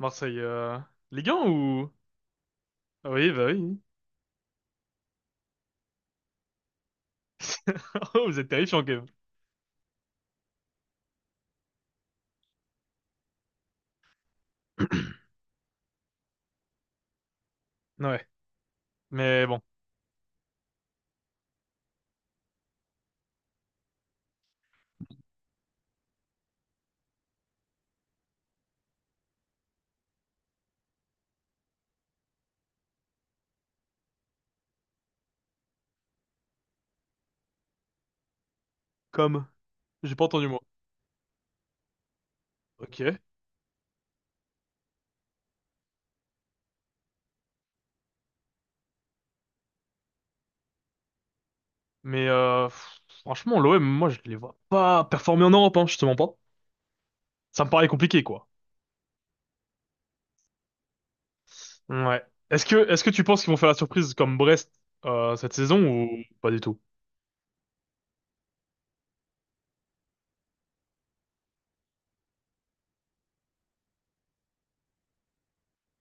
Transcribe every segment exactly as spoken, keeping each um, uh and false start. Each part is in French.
Marseille, euh... Ligue un ou... Ah oui, bah oui. Oh, vous êtes terrifiant, quand même. Ouais. Mais bon. Comme. J'ai pas entendu moi. Ok. Mais euh, pff, franchement, l'O M, moi, je les vois pas performer en Europe, hein, je te mens pas. Ça me paraît compliqué, quoi. Ouais. Est-ce que, est-ce que tu penses qu'ils vont faire la surprise comme Brest euh, cette saison ou pas du tout?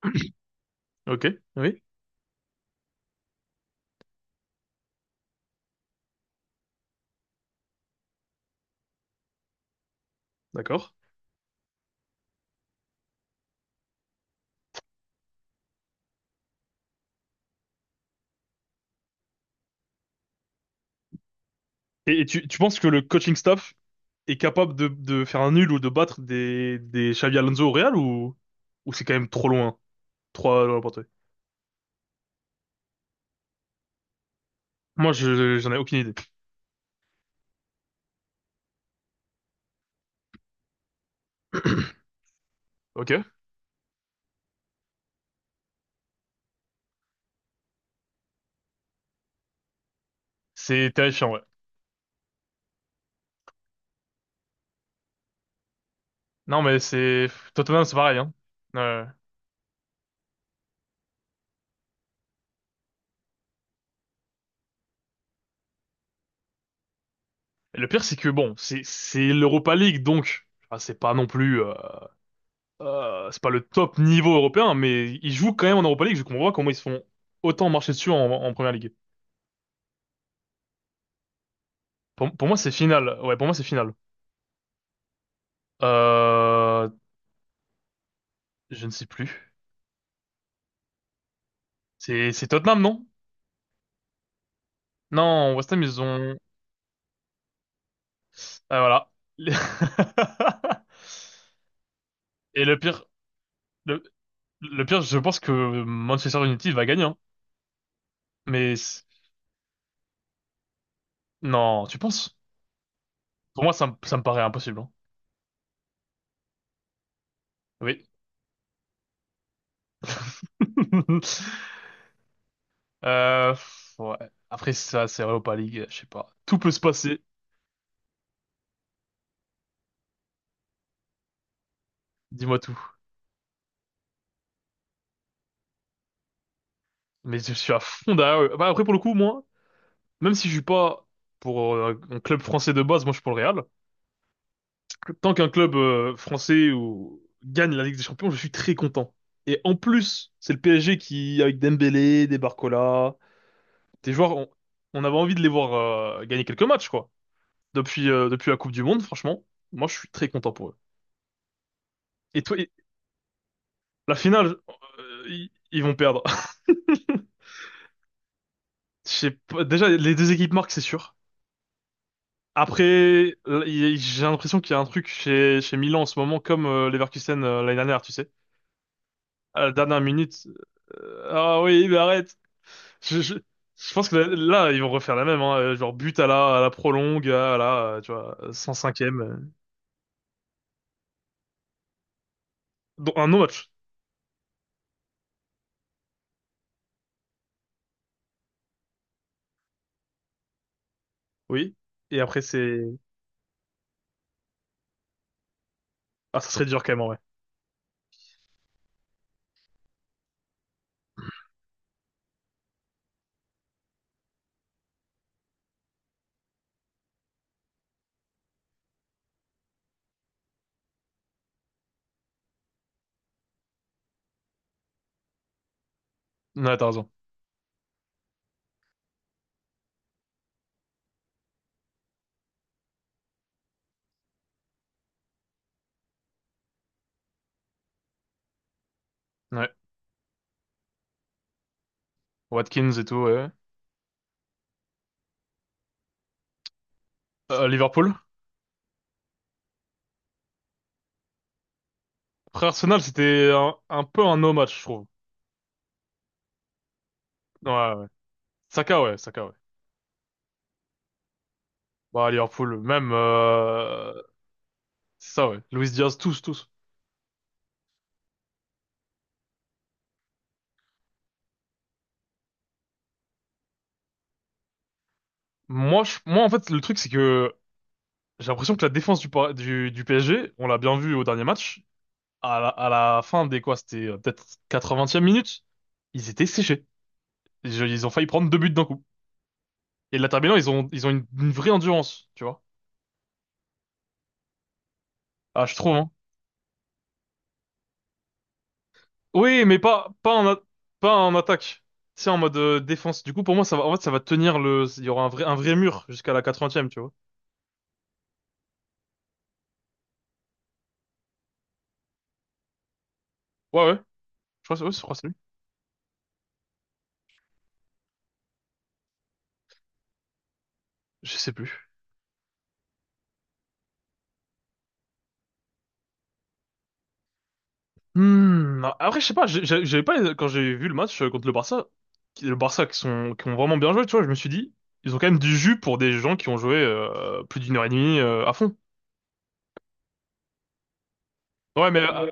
Ok. Oui. D'accord. Et, et tu, tu penses que le coaching staff est capable de, de faire un nul ou de battre des, des Xavi Alonso au Real ou, ou c'est quand même trop loin? Trois lois pour toi. Moi, je, j'en ai aucune idée. Ok. C'est terrifiant, ouais. Non, mais c'est... Tottenham, c'est pareil, hein. Euh, et le pire, c'est que, bon, c'est c'est l'Europa League, donc... ah, c'est pas non plus... euh, euh, c'est pas le top niveau européen, mais ils jouent quand même en Europa League. Je comprends pas comment ils se font autant marcher dessus en, en Première Ligue. Pour, pour moi, c'est final. Ouais, pour moi, c'est final. Euh, je ne sais plus. C'est c'est Tottenham, non? Non, West Ham, ils ont... Ah, voilà. Et le pire... Le... Le pire, je pense que Manchester United va gagner, hein. Mais c- non, tu penses? Pour moi, ça, me- ça me paraît impossible, hein. Oui. Euh, pff, ouais. Après, ça, c'est Europa League, je sais pas. Tout peut se passer, dis-moi tout. Mais je suis à fond derrière eux. Bah, après, pour le coup, moi, même si je suis pas pour euh, un club français de base, moi, je suis pour le Real. Tant qu'un club euh, français ou... gagne la Ligue des Champions, je suis très content. Et en plus, c'est le P S G qui, avec Dembélé, des Barcola, des joueurs, on, on avait envie de les voir euh, gagner quelques matchs, quoi. Depuis, euh, depuis la Coupe du Monde, franchement, moi, je suis très content pour eux. Et toi, et- la finale, euh, ils, ils vont perdre. Je sais pas, déjà, les deux équipes marquent, c'est sûr. Après, là, il- j'ai l'impression qu'il y a un truc chez, chez Milan en ce moment, comme euh, Leverkusen euh, l'année dernière, tu sais. À la dernière minute, euh, ah oui, mais arrête. Je, je, je pense que là, là, ils vont refaire la même, hein. Genre but à la, à la prolongue, à la, euh, tu vois, cent cinquième. euh. Donc, un no oui. Et après, c'est... Ah, ça serait dur quand même, en vrai. Ouais, t'as raison. Ouais. Watkins et tout, ouais. Euh, Liverpool. Après, Arsenal, c'était un, un peu un no match, je trouve. Ouais, ouais. Saka, ouais, Saka, ouais. Bah, Liverpool, même... Euh... C'est ça, ouais. Luis Diaz, tous, tous. Moi, je... Moi, en fait, le truc, c'est que j'ai l'impression que la défense du, Par- du, du P S G, on l'a bien vu au dernier match, à la, à la fin des quoi, c'était euh, peut-être quatre-vingtième minute, ils étaient séchés. Je- Ils ont failli prendre deux buts d'un coup. Et la terminant, ils ont, ils ont une, une vraie endurance, tu vois. Ah, je trouve, hein. Oui, mais pas, pas en, a- pas en attaque. C'est en mode euh, défense. Du coup, pour moi, ça va, en fait, ça va tenir le, il y aura un vrai, un vrai mur jusqu'à la quatre-vingtième, tu vois. Ouais, ouais. Je crois, que c'est- ouais, je crois que c'est lui. Je sais plus. Hmm, non. Après, je sais pas, j'ai- j'ai- j'avais pas, quand j'ai vu le match euh, contre le Barça, qui- le Barça qui sont, qui ont vraiment bien joué, tu vois, je me suis dit, ils ont quand même du jus pour des gens qui ont joué, euh, plus d'une heure et demie, euh, à fond. Ouais, mais, euh,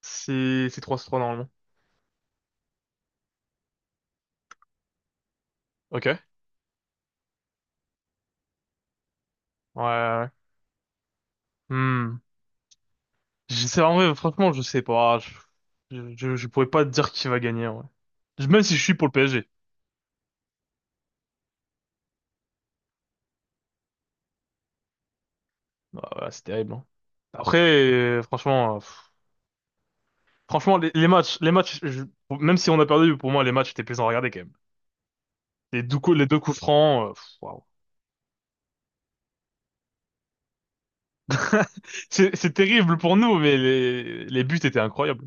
c'est, c'est 3 trois normalement. Ok. Ouais, ouais, ouais. Hmm. Je sais, en vrai, franchement, je sais pas. Je, je, je pourrais pas te dire qui va gagner, ouais. Même si je suis pour le P S G. Ah, ouais, c'est terrible, hein. Après, euh, franchement, euh, pff, franchement, les, les matchs, les matchs, je- même si on a perdu, pour moi, les matchs étaient plaisants à regarder quand même. Les deux coups, les deux coups francs, euh, pff, waouh. C'est, c'est terrible pour nous, mais les, les buts étaient incroyables.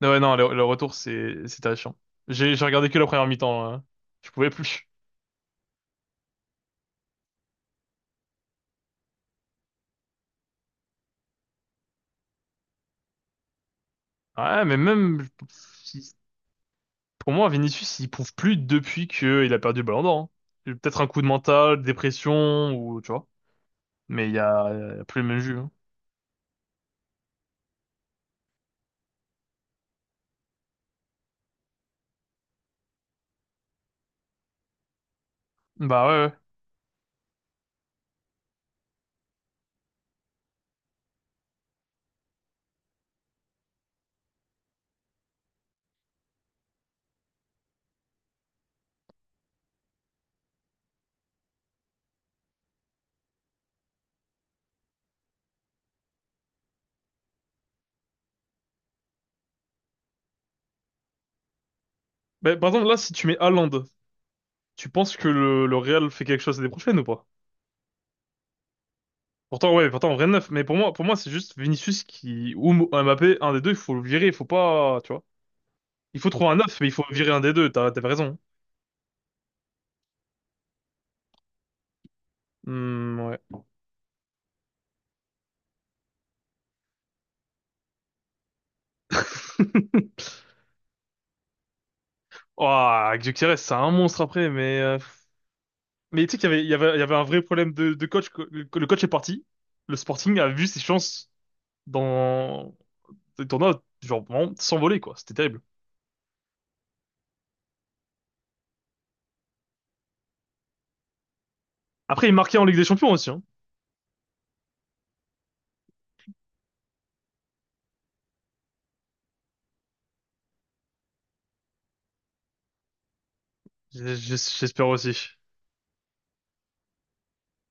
Non, ouais, non, le, le retour, c'est, c'est terrifiant. J'ai, j'ai regardé que la première mi-temps, là. Je pouvais plus. Ouais, mais même, pour moi, Vinicius, il prouve plus depuis que il a perdu le Ballon d'Or, hein. Peut-être un coup de mental, dépression, ou tu vois. Mais il y a, il y a plus le même jus, hein. Bah ouais, ouais. Bah, par exemple, là, si tu mets Haaland, tu penses que le, le Real fait quelque chose l'année prochaine ou pas? Pourtant, ouais, pourtant, rien de neuf. Mais pour moi, pour moi, c'est juste Vinicius qui, ou Mo- Mbappé, un des deux, il faut le virer, il faut pas, tu vois. Il faut trouver un neuf, mais il faut virer un des deux, t'as, t'avais raison. Hmm, ouais. Ouah, Gyökeres, c'est un monstre après, mais, euh, mais tu sais qu'il y avait, il y avait, il y avait un vrai problème de, de coach. Que- que le coach est parti. Le Sporting a vu ses chances dans le tournoi, genre, vraiment, s'envoler, quoi. C'était terrible. Après, il marquait en Ligue des Champions aussi, hein. J'es- j'es- J'espère aussi.